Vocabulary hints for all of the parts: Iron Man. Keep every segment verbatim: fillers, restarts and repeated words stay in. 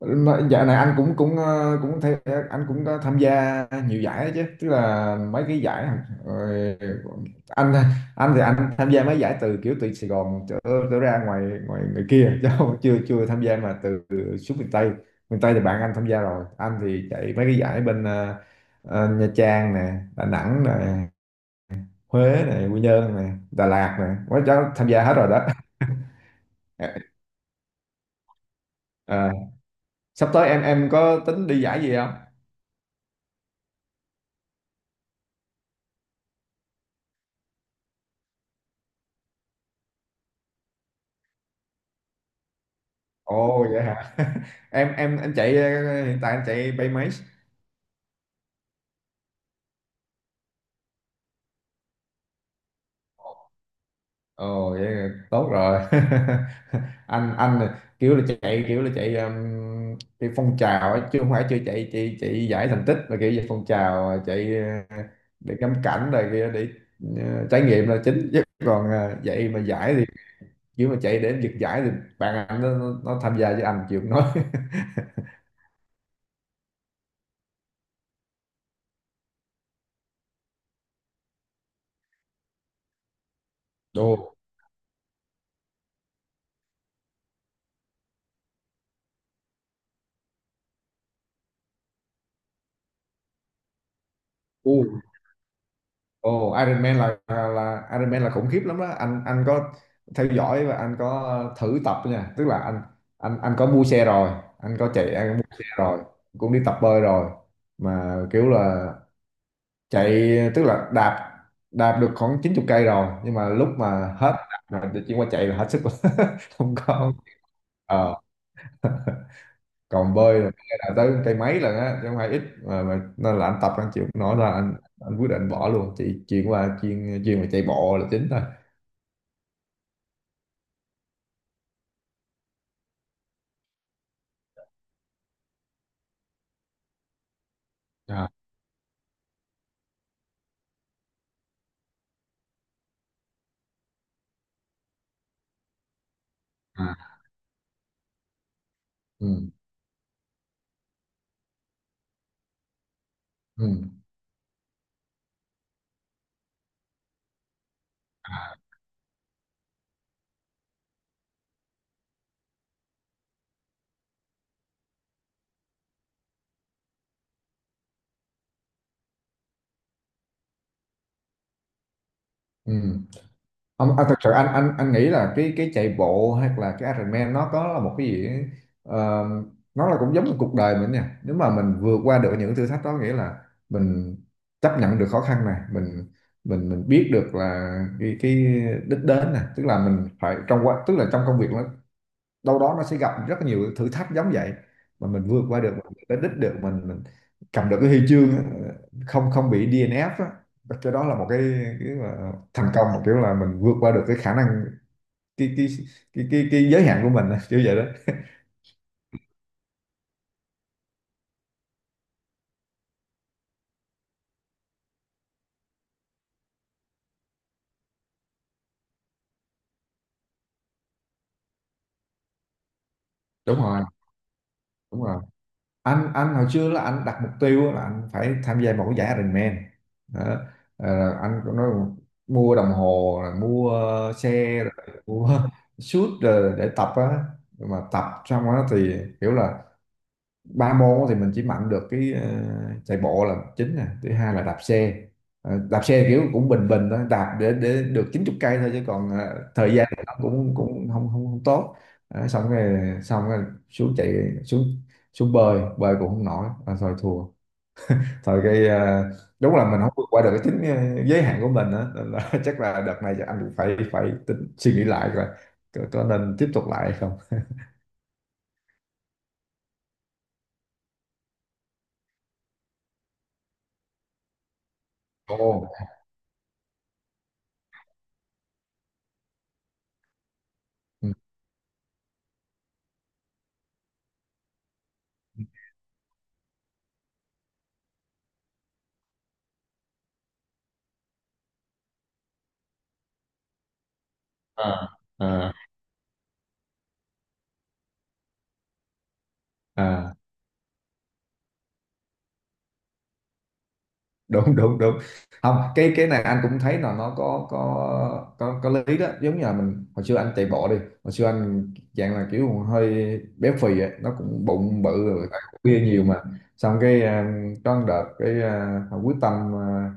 Mà dạo này anh cũng cũng ờ, cũng thấy anh cũng có tham gia nhiều giải đó chứ, tức là mấy cái giải rồi. Anh anh thì anh tham gia mấy giải từ kiểu từ Sài Gòn trở, trở ra ngoài ngoài ngoài kia chứ không, chưa chưa tham gia mà từ xuống miền Tây. Miền Tây thì bạn anh tham gia rồi, anh thì chạy mấy cái giải bên ờ, ờ, Nha Trang nè, Đà Nẵng nè, Huế nè, Quy Nhơn nè, Đà Lạt nè, quá cháu tham gia hết rồi đó. Ờ, sắp tới em em có tính đi giải gì không? Ồ vậy hả? Em em anh chạy ờ, hiện tại anh chạy bay mấy? Ồ vậy là tốt rồi. Anh anh là kiểu là chạy, kiểu là chạy um, chạy phong trào ấy, chứ không phải chưa chạy chạy chạy giải thành tích, mà kiểu về phong trào, ờ, chạy ờ, để ngắm cảnh rồi kia, để ờ, trải nghiệm là chính. Chứ còn ờ, chạy mà giải thì, kiểu mà chạy để giật giải thì bạn anh nó, nó nó tham gia, với anh chịu không nói. Đồ. Ồ, Iron Man là, là là Iron Man là khủng khiếp lắm đó. Anh anh có theo dõi và anh có thử tập nha. Tức là anh anh anh có mua xe rồi, anh có chạy, anh có mua xe rồi, cũng đi tập bơi rồi. Mà kiểu là chạy, tức là đạp đạp được khoảng chín mươi cây rồi, nhưng mà lúc mà hết đạp rồi thì chuyển qua chạy là hết sức rồi. Không có. Ờ, còn bơi là bơi là tới cây mấy lần á, chứ không phải ít. Mà, mà nên là anh tập anh chịu không nổi, là anh anh quyết định bỏ luôn, chỉ chuyển qua chuyên chuyên về chạy bộ là chính thôi. À, à, ừ, ừ, ừ. Ông, à, thật sự anh anh anh nghĩ là cái cái chạy bộ hay là cái Ironman, nó có là một cái gì ấy, ờ, nó là cũng giống như cuộc đời mình nha. Nếu mà mình vượt qua được những thử thách đó nghĩa là mình chấp nhận được khó khăn này, mình mình mình biết được là cái, cái đích đến này, tức là mình phải trong quá, tức là trong công việc đâu đó, nó sẽ gặp rất là nhiều thử thách giống vậy. Mà mình vượt qua được, mình tới đích được, mình, mình cầm được cái huy chương á, không không bị đê en ép á, cái đó là một cái, cái mà thành công. Một kiểu là mình vượt qua được cái khả năng, cái cái cái cái, cái giới hạn của mình á, kiểu vậy đó. Đúng rồi, đúng rồi, anh anh hồi xưa là anh đặt mục tiêu là anh phải tham gia một cái giải Ironman đó. Ờ, anh có nói mua đồng hồ rồi mua xe rồi mua suit rồi để tập á. Nhưng mà tập xong đó thì kiểu là ba môn thì mình chỉ mạnh được cái ờ, chạy bộ là chính nè, thứ hai là đạp xe. Ờ, đạp xe kiểu cũng bình bình thôi, đạp để để được chín chục cây thôi, chứ còn ờ, thời gian thì nó cũng cũng không không không tốt. Ờ, xong rồi xong rồi xuống chạy, xuống xuống bơi, bơi cũng không nổi. À, thôi thua thôi cái ờ, đúng là mình không vượt qua được cái chính ờ, giới hạn của mình á. Nên là chắc là đợt này chắc anh cũng phải phải tính suy nghĩ lại rồi, có, có nên tiếp tục lại hay không. Ồ. Ừ. à, à. À đúng, đúng, đúng. Không cái cái này anh cũng thấy là nó có có có có lý đó, giống như là mình hồi xưa anh chạy bộ đi, hồi xưa anh dạng là kiểu hơi béo phì ấy. Nó cũng bụng bự rồi tại cũng bia nhiều mà. Xong cái à, có một đợt cái à, quyết tâm à,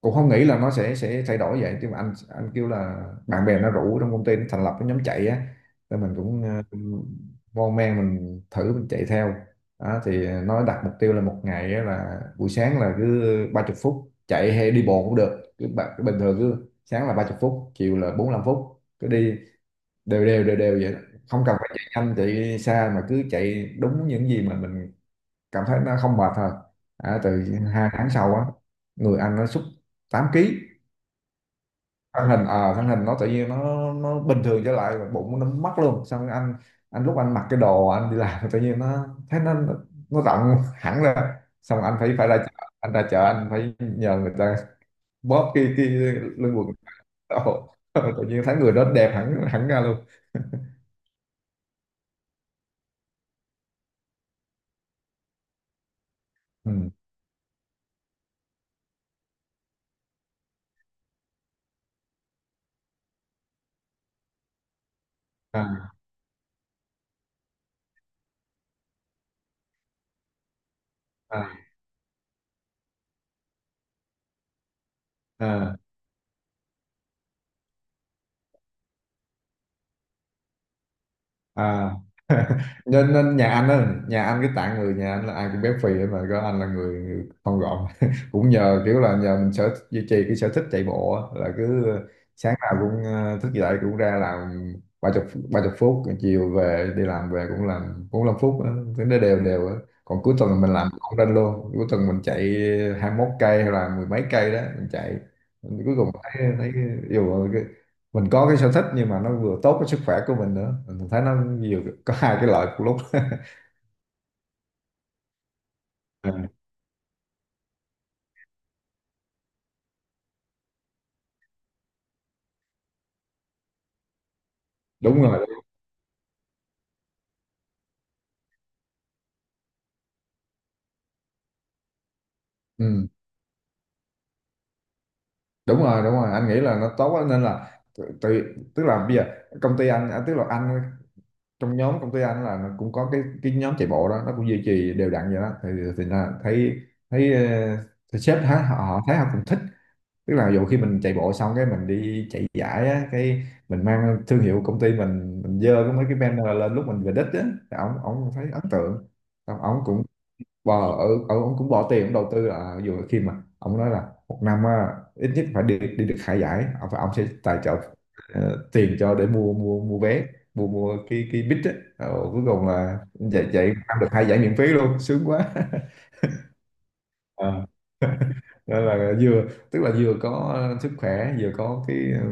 cũng không nghĩ là nó sẽ sẽ thay đổi vậy. Nhưng mà anh anh kêu là bạn bè nó rủ, trong công ty nó thành lập cái nhóm chạy á, nên mình cũng à, mon men mình thử mình chạy theo đó. Thì nó đặt mục tiêu là một ngày á là buổi sáng là cứ ba mươi phút chạy hay đi bộ cũng được, cứ bạn cứ bình thường, cứ sáng là ba mươi phút, chiều là bốn lăm phút, cứ đi đều đều đều đều vậy đó. Không cần phải chạy nhanh chạy xa, mà cứ chạy đúng những gì mà mình cảm thấy nó không mệt thôi. À, từ hai tháng sau á, người anh nó sút tám ký. Thân hình à, thân hình nó tự nhiên nó nó bình thường trở lại, bụng nó mất luôn. Xong rồi anh anh lúc anh mặc cái đồ anh đi làm tự nhiên nó thấy nó nó rộng hẳn ra. Xong anh phải phải ra chợ, anh ra chợ anh phải nhờ người ta bóp cái cái lưng quần đồ, tự nhiên thấy người đó đẹp hẳn hẳn ra luôn. Ừ. à, à, à. À nên, nên nhà anh á, nhà anh cái tạng người nhà anh là ai cũng béo phì hết, mà có anh là người, người thon gọn, cũng nhờ kiểu là nhờ mình sở duy trì cái sở thích chạy bộ á, là cứ sáng nào cũng ờ, thức dậy cũng ra làm ba chục ba chục phút, chiều về đi làm về cũng làm cũng làm phút á, cứ nó đều đều á. Còn cuối tuần mình Ừ. làm không lên luôn, cuối tuần mình chạy hai mốt cây hay là mười mấy cây đó mình chạy. Mình cuối cùng thấy thấy yêu. Mình có cái sở thích nhưng mà nó vừa tốt cái sức khỏe của mình nữa, mình thấy nó nhiều, có hai cái lợi cùng lúc. Ừ, đúng rồi, ừ, đúng rồi, đúng rồi, anh nghĩ là nó tốt quá. Nên là tự, tự- tức là bây giờ công ty anh à, tức là anh trong nhóm công ty anh là nó cũng có cái cái nhóm chạy bộ đó, nó cũng duy trì đều đặn vậy đó. thì thì là thấy thấy, ờ, thì sếp thấy, họ họ thấy họ cũng thích. Tức là dù khi mình chạy bộ xong, cái mình đi chạy giải á, cái mình mang thương hiệu công ty mình mình dơ cái mấy cái banner lên lúc mình về đích á, thì ổng ổng thấy ấn tượng. Xong ổng cũng bò ở ổng cũng bỏ tiền ổng đầu tư, là dù khi mà ổng nói là một năm á, ít nhất phải đi đi được hai giải, ổng phải ổng sẽ tài trợ ờ, tiền cho để mua mua mua vé, mua mua cái cái bít á. Ờ, cuối cùng là chạy chạy ăn được hai giải miễn phí luôn, sướng quá. Đó là vừa, tức là vừa có ờ, sức khỏe, vừa có cái ờ,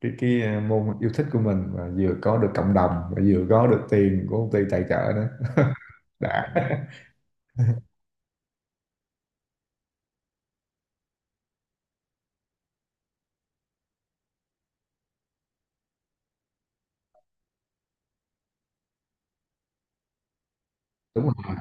cái cái ờ, môn yêu thích của mình, và vừa có được cộng đồng, và vừa có được tiền của công ty tài trợ nữa. Đã. Đúng rồi,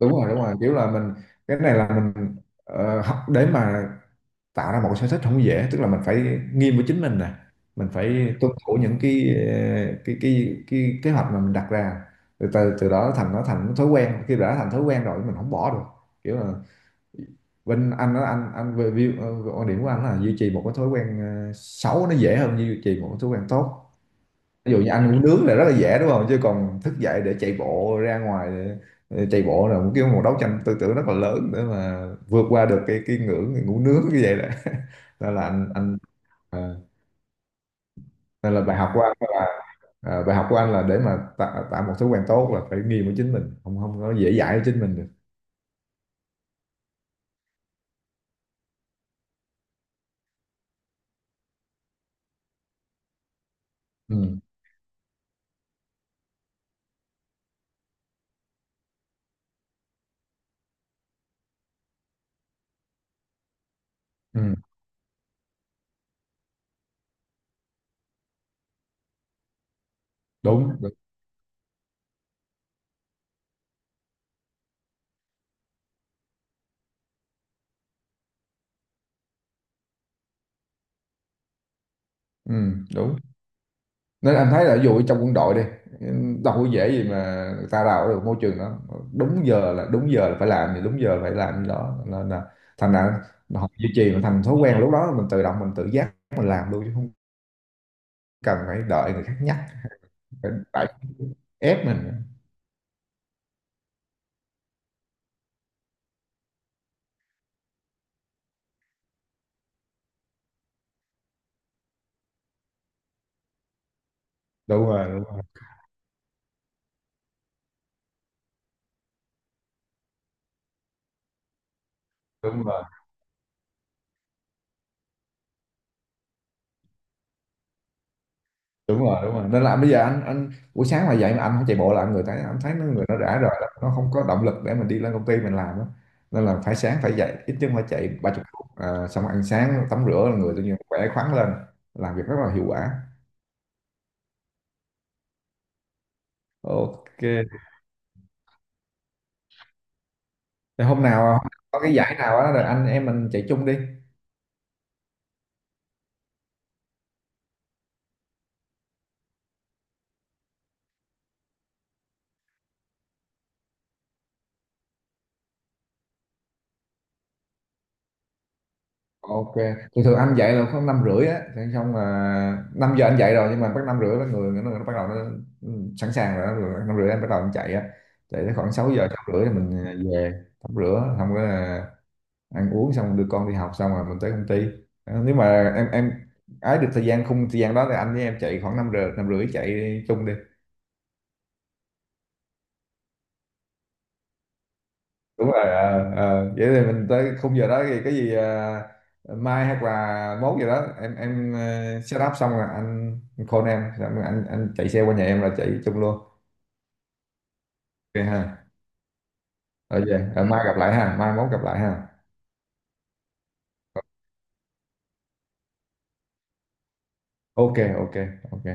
đúng rồi đúng rồi kiểu là mình, cái này là mình ờ, học để mà tạo ra một cái sở thích không dễ. Tức là mình phải nghiêm với chính mình nè, mình phải tuân thủ những cái ờ, cái cái cái kế hoạch mà mình đặt ra. Từ từ từ đó thành, nó thành thói quen, khi đã thành thói quen rồi mình không bỏ được. Kiểu là bên anh á, anh anh về view ờ, quan điểm của anh là duy trì một cái thói quen ờ, xấu nó dễ hơn duy trì một cái thói quen tốt. Ví dụ như anh uống nướng là rất là dễ, đúng không? Chứ còn thức dậy để chạy bộ ra ngoài để, để chạy bộ là một cái, một đấu tranh tư tưởng rất là lớn để mà vượt qua được cái cái ngưỡng ngủ nướng như vậy đó. Nên là anh anh ờ, nên là bài học của anh là ờ, bài học của anh là để mà tạo, tạo một thói quen tốt là phải nghiêm với chính mình, không không có dễ dãi với chính mình được. Ừ, ừ, đúng, đúng. Ừ, đúng. Nên anh thấy là ví dụ trong quân đội đi, đâu có dễ gì mà người ta đào được môi trường đó. Đúng giờ là đúng giờ, là phải làm thì đúng giờ phải làm gì đó. Nên là thành ra họ duy trì nó thành thói quen, lúc đó mình tự động mình tự giác mình làm luôn chứ không cần phải đợi người khác nhắc, phải phải ép mình. đúng rồi đúng rồi đúng rồi đúng rồi Đúng rồi, nên là bây giờ anh anh buổi sáng mà dậy mà anh không chạy bộ là anh người thấy, anh thấy nó người nó rã rời lắm, nó không có động lực để mình đi lên công ty mình làm á. Nên là phải sáng phải dậy ít nhất phải chạy ba chục phút, à, xong ăn sáng tắm rửa là người tự nhiên khỏe khoắn lên, làm việc rất là hiệu quả. Ok. Thì hôm nào hôm nào có cái giải nào á rồi anh em mình chạy chung đi. Ok, thường thường anh dậy là khoảng năm rưỡi á, thế xong là năm giờ anh dậy rồi, nhưng mà bắt năm rưỡi là người nó, nó bắt đầu nó ừ, sẵn sàng rồi, đó. Rồi năm rưỡi anh bắt đầu anh chạy á, chạy tới khoảng sáu giờ sáu rưỡi thì mình à, về tắm rửa, xong cái là ăn uống xong đưa con đi học xong rồi mình tới công ty. Ờ, nếu mà em em ái được thời gian khung thời gian đó thì anh với em chạy khoảng năm giờ năm rưỡi, chạy chung đi. Đúng rồi, ờ, ờ. Vậy thì mình tới khung giờ đó thì cái gì à, mai hoặc là mốt giờ đó em em ờ, set up xong rồi anh, call em xong rồi anh anh chạy xe qua nhà em là chạy chung luôn. Ok ha. Rồi về. Ờ, mai gặp lại ha, mai mốt gặp lại ha. Ok, ok, ok.